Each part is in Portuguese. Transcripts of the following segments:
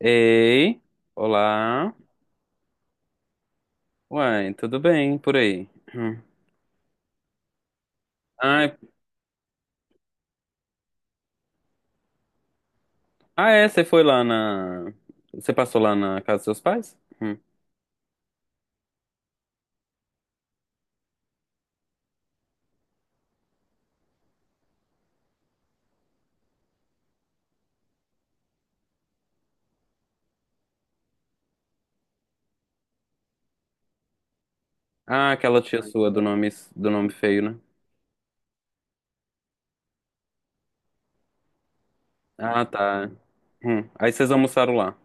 Ei, olá. Uai, tudo bem por aí? Hum. Ai, ah, é, Você passou lá na casa dos seus pais? Hum. Ah, aquela tia sua do nome feio, né? Ah, tá. Hum. Aí vocês almoçaram lá.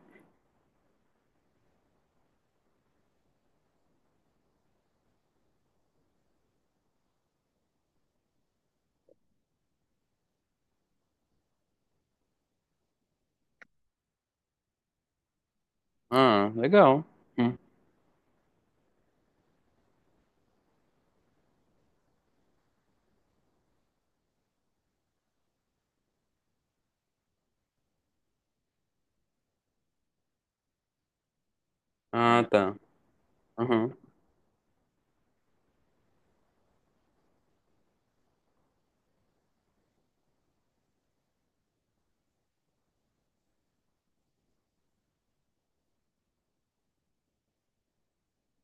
Ah, legal. Hum. Ah, tá. Uhum.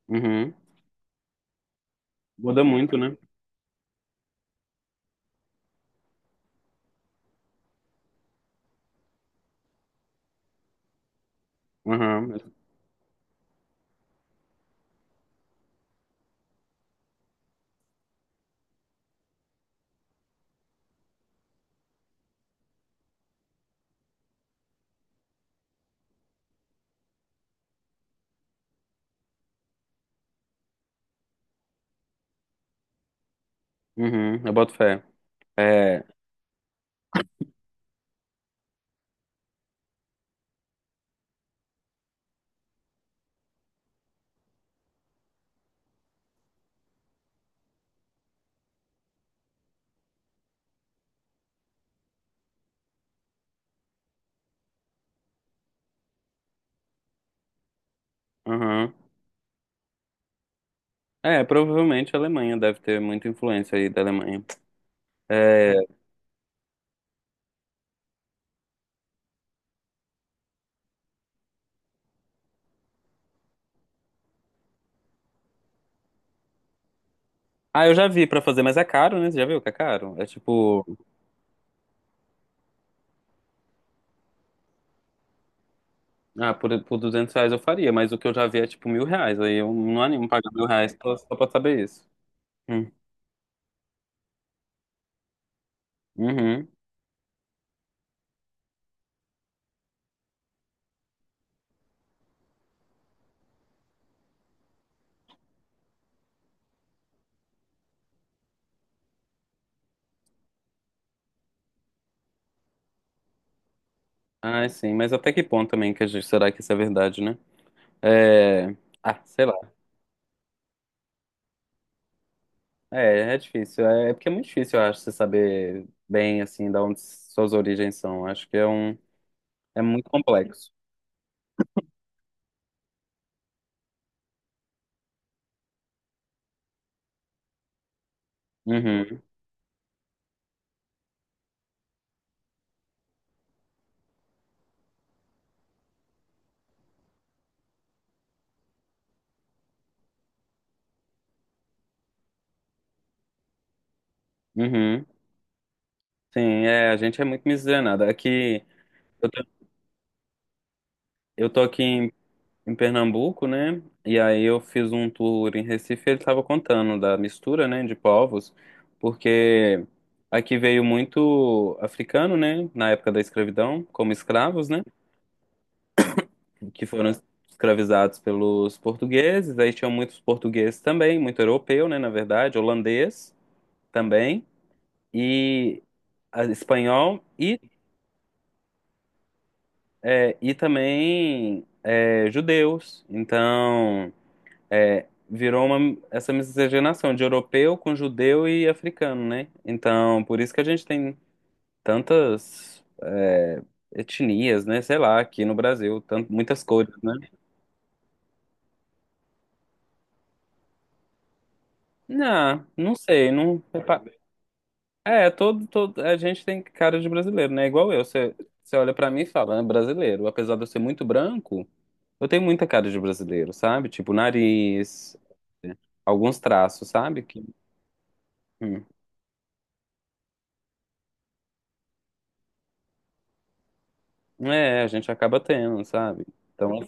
Uhum. Muda muito, né? Uhum. Uhum. Eu boto fé. É. Uhum. É, provavelmente a Alemanha deve ter muita influência aí da Alemanha. É, ah, eu já vi pra fazer, mas é caro, né? Você já viu que é caro? É tipo, ah, por R$ 200 eu faria, mas o que eu já vi é tipo R$ 1.000. Aí eu não animo pagar R$ 1.000 só pra saber isso. Hum. Uhum. Ah, sim, mas até que ponto também que a gente, será que isso é verdade, né? É. Ah, sei lá. É, é difícil. É, é porque é muito difícil, eu acho, você saber bem, assim, da onde suas origens são. Acho que é um. É muito complexo. Uhum. Uhum. Sim, é, a gente é muito miscigenada. Aqui, eu tô, eu tô aqui em Pernambuco, né? E aí eu fiz um tour em Recife, ele estava contando da mistura, né, de povos, porque aqui veio muito africano, né, na época da escravidão, como escravos, né, que foram escravizados pelos portugueses. Aí tinham muitos portugueses também, muito europeu, né, na verdade, holandês também e ah, espanhol e é, e também é, judeus. Então é, virou uma, essa miscigenação de europeu com judeu e africano, né? Então, por isso que a gente tem tantas é, etnias, né? Sei lá, aqui no Brasil, muitas cores, né? Não, não sei, não. É, todo, a gente tem cara de brasileiro, né? Igual eu, você, você olha pra mim e fala, é brasileiro, apesar de eu ser muito branco. Eu tenho muita cara de brasileiro, sabe? Tipo, nariz, alguns traços, sabe? Que, hum, é, a gente acaba tendo, sabe? Então,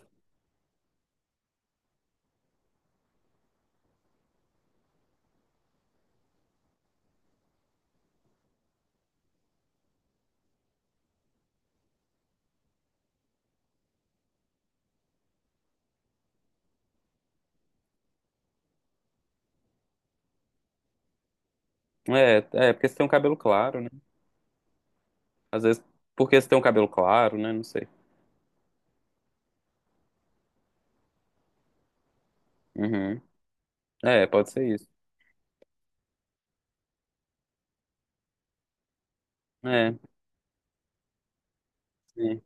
é, é, porque você tem um cabelo claro, né? Às vezes, porque você tem um cabelo claro, né? Não sei. Uhum. É, pode ser isso. É, sim.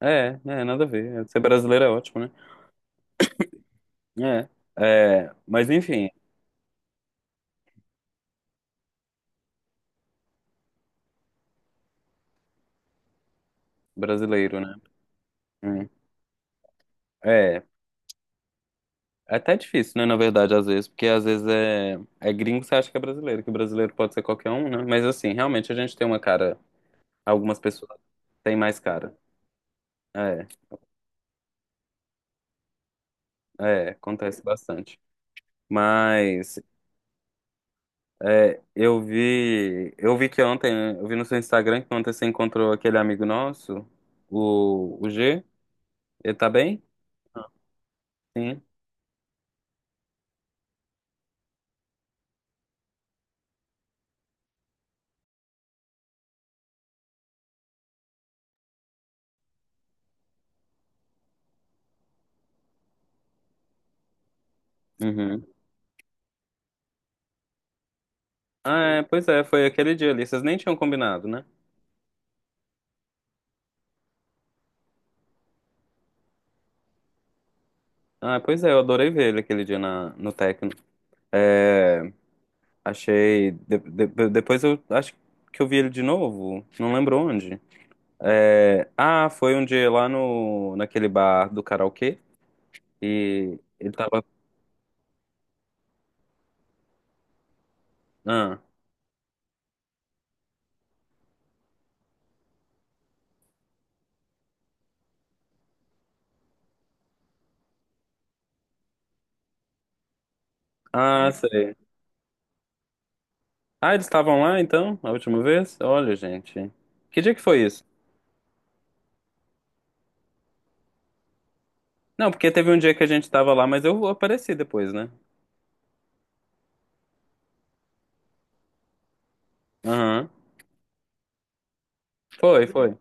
É, é, nada a ver. Ser brasileiro é ótimo, né? É, é, mas enfim, brasileiro, né? Hum. É, é até difícil, né? Na verdade, às vezes, porque às vezes é gringo que você acha que é brasileiro, que brasileiro pode ser qualquer um, né? Mas assim, realmente a gente tem uma cara, algumas pessoas têm mais cara. É, é, acontece bastante. Mas é, eu vi que ontem, eu vi no seu Instagram que ontem você encontrou aquele amigo nosso, o G. Ele tá bem? Sim. Uhum. Ah, é, pois é, foi aquele dia ali. Vocês nem tinham combinado, né? Ah, pois é, eu adorei ver ele aquele dia na, no Tecno. É, achei. Depois eu acho que eu vi ele de novo, não lembro onde. É, ah, foi um dia lá no, naquele bar do karaokê e ele tava. Ah, ah, sei. Ah, eles estavam lá então, a última vez? Olha, gente. Que dia que foi isso? Não, porque teve um dia que a gente tava lá, mas eu apareci depois, né? Aham. Foi, foi.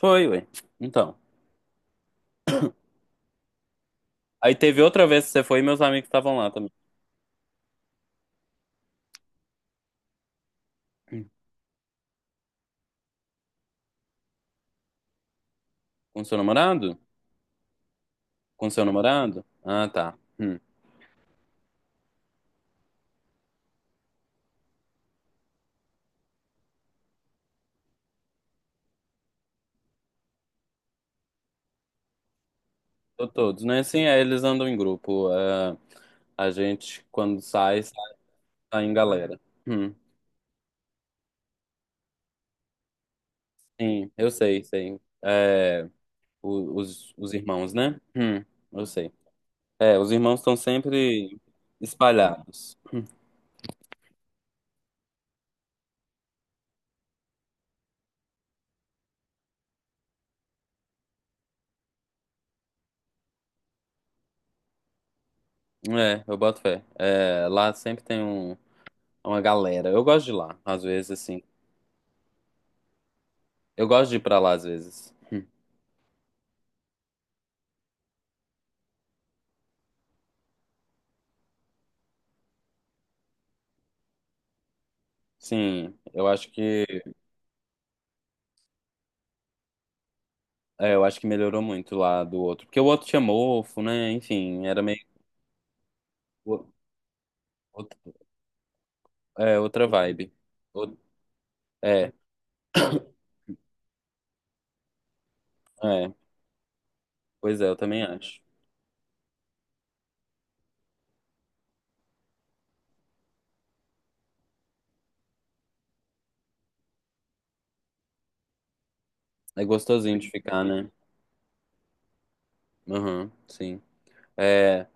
Foi, ué. Então. Aí teve outra vez que você foi e meus amigos estavam lá também. Hum. Com seu namorado? Com seu namorado? Ah, tá. Hum. Tô todos, né? Assim, é, eles andam em grupo. É, a gente, quando sai, sai em galera. Hum. Sim, eu sei, sei. É, os irmãos, né? Eu sei. É, os irmãos estão sempre espalhados. É, eu boto fé. É, lá sempre tem um, uma galera. Eu gosto de ir lá, às vezes, assim. Eu gosto de ir pra lá, às vezes. Hum. Sim, eu acho que, é, eu acho que melhorou muito lá do outro. Porque o outro tinha mofo, né? Enfim, era meio. o- outro- É, outra vibe. O- É, é. Pois é, eu também acho. É gostosinho de ficar, né? Aham, sim. É,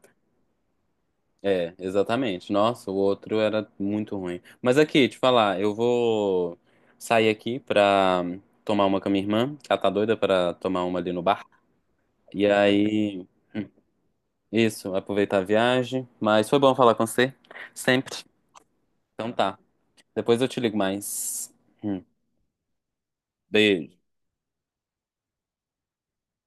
É, exatamente. Nossa, o outro era muito ruim. Mas aqui, te falar, eu vou sair aqui pra tomar uma com a minha irmã, que ela tá doida pra tomar uma ali no bar. E aí, isso, aproveitar a viagem. Mas foi bom falar com você, sempre. Então tá. Depois eu te ligo mais. Hum, beijo.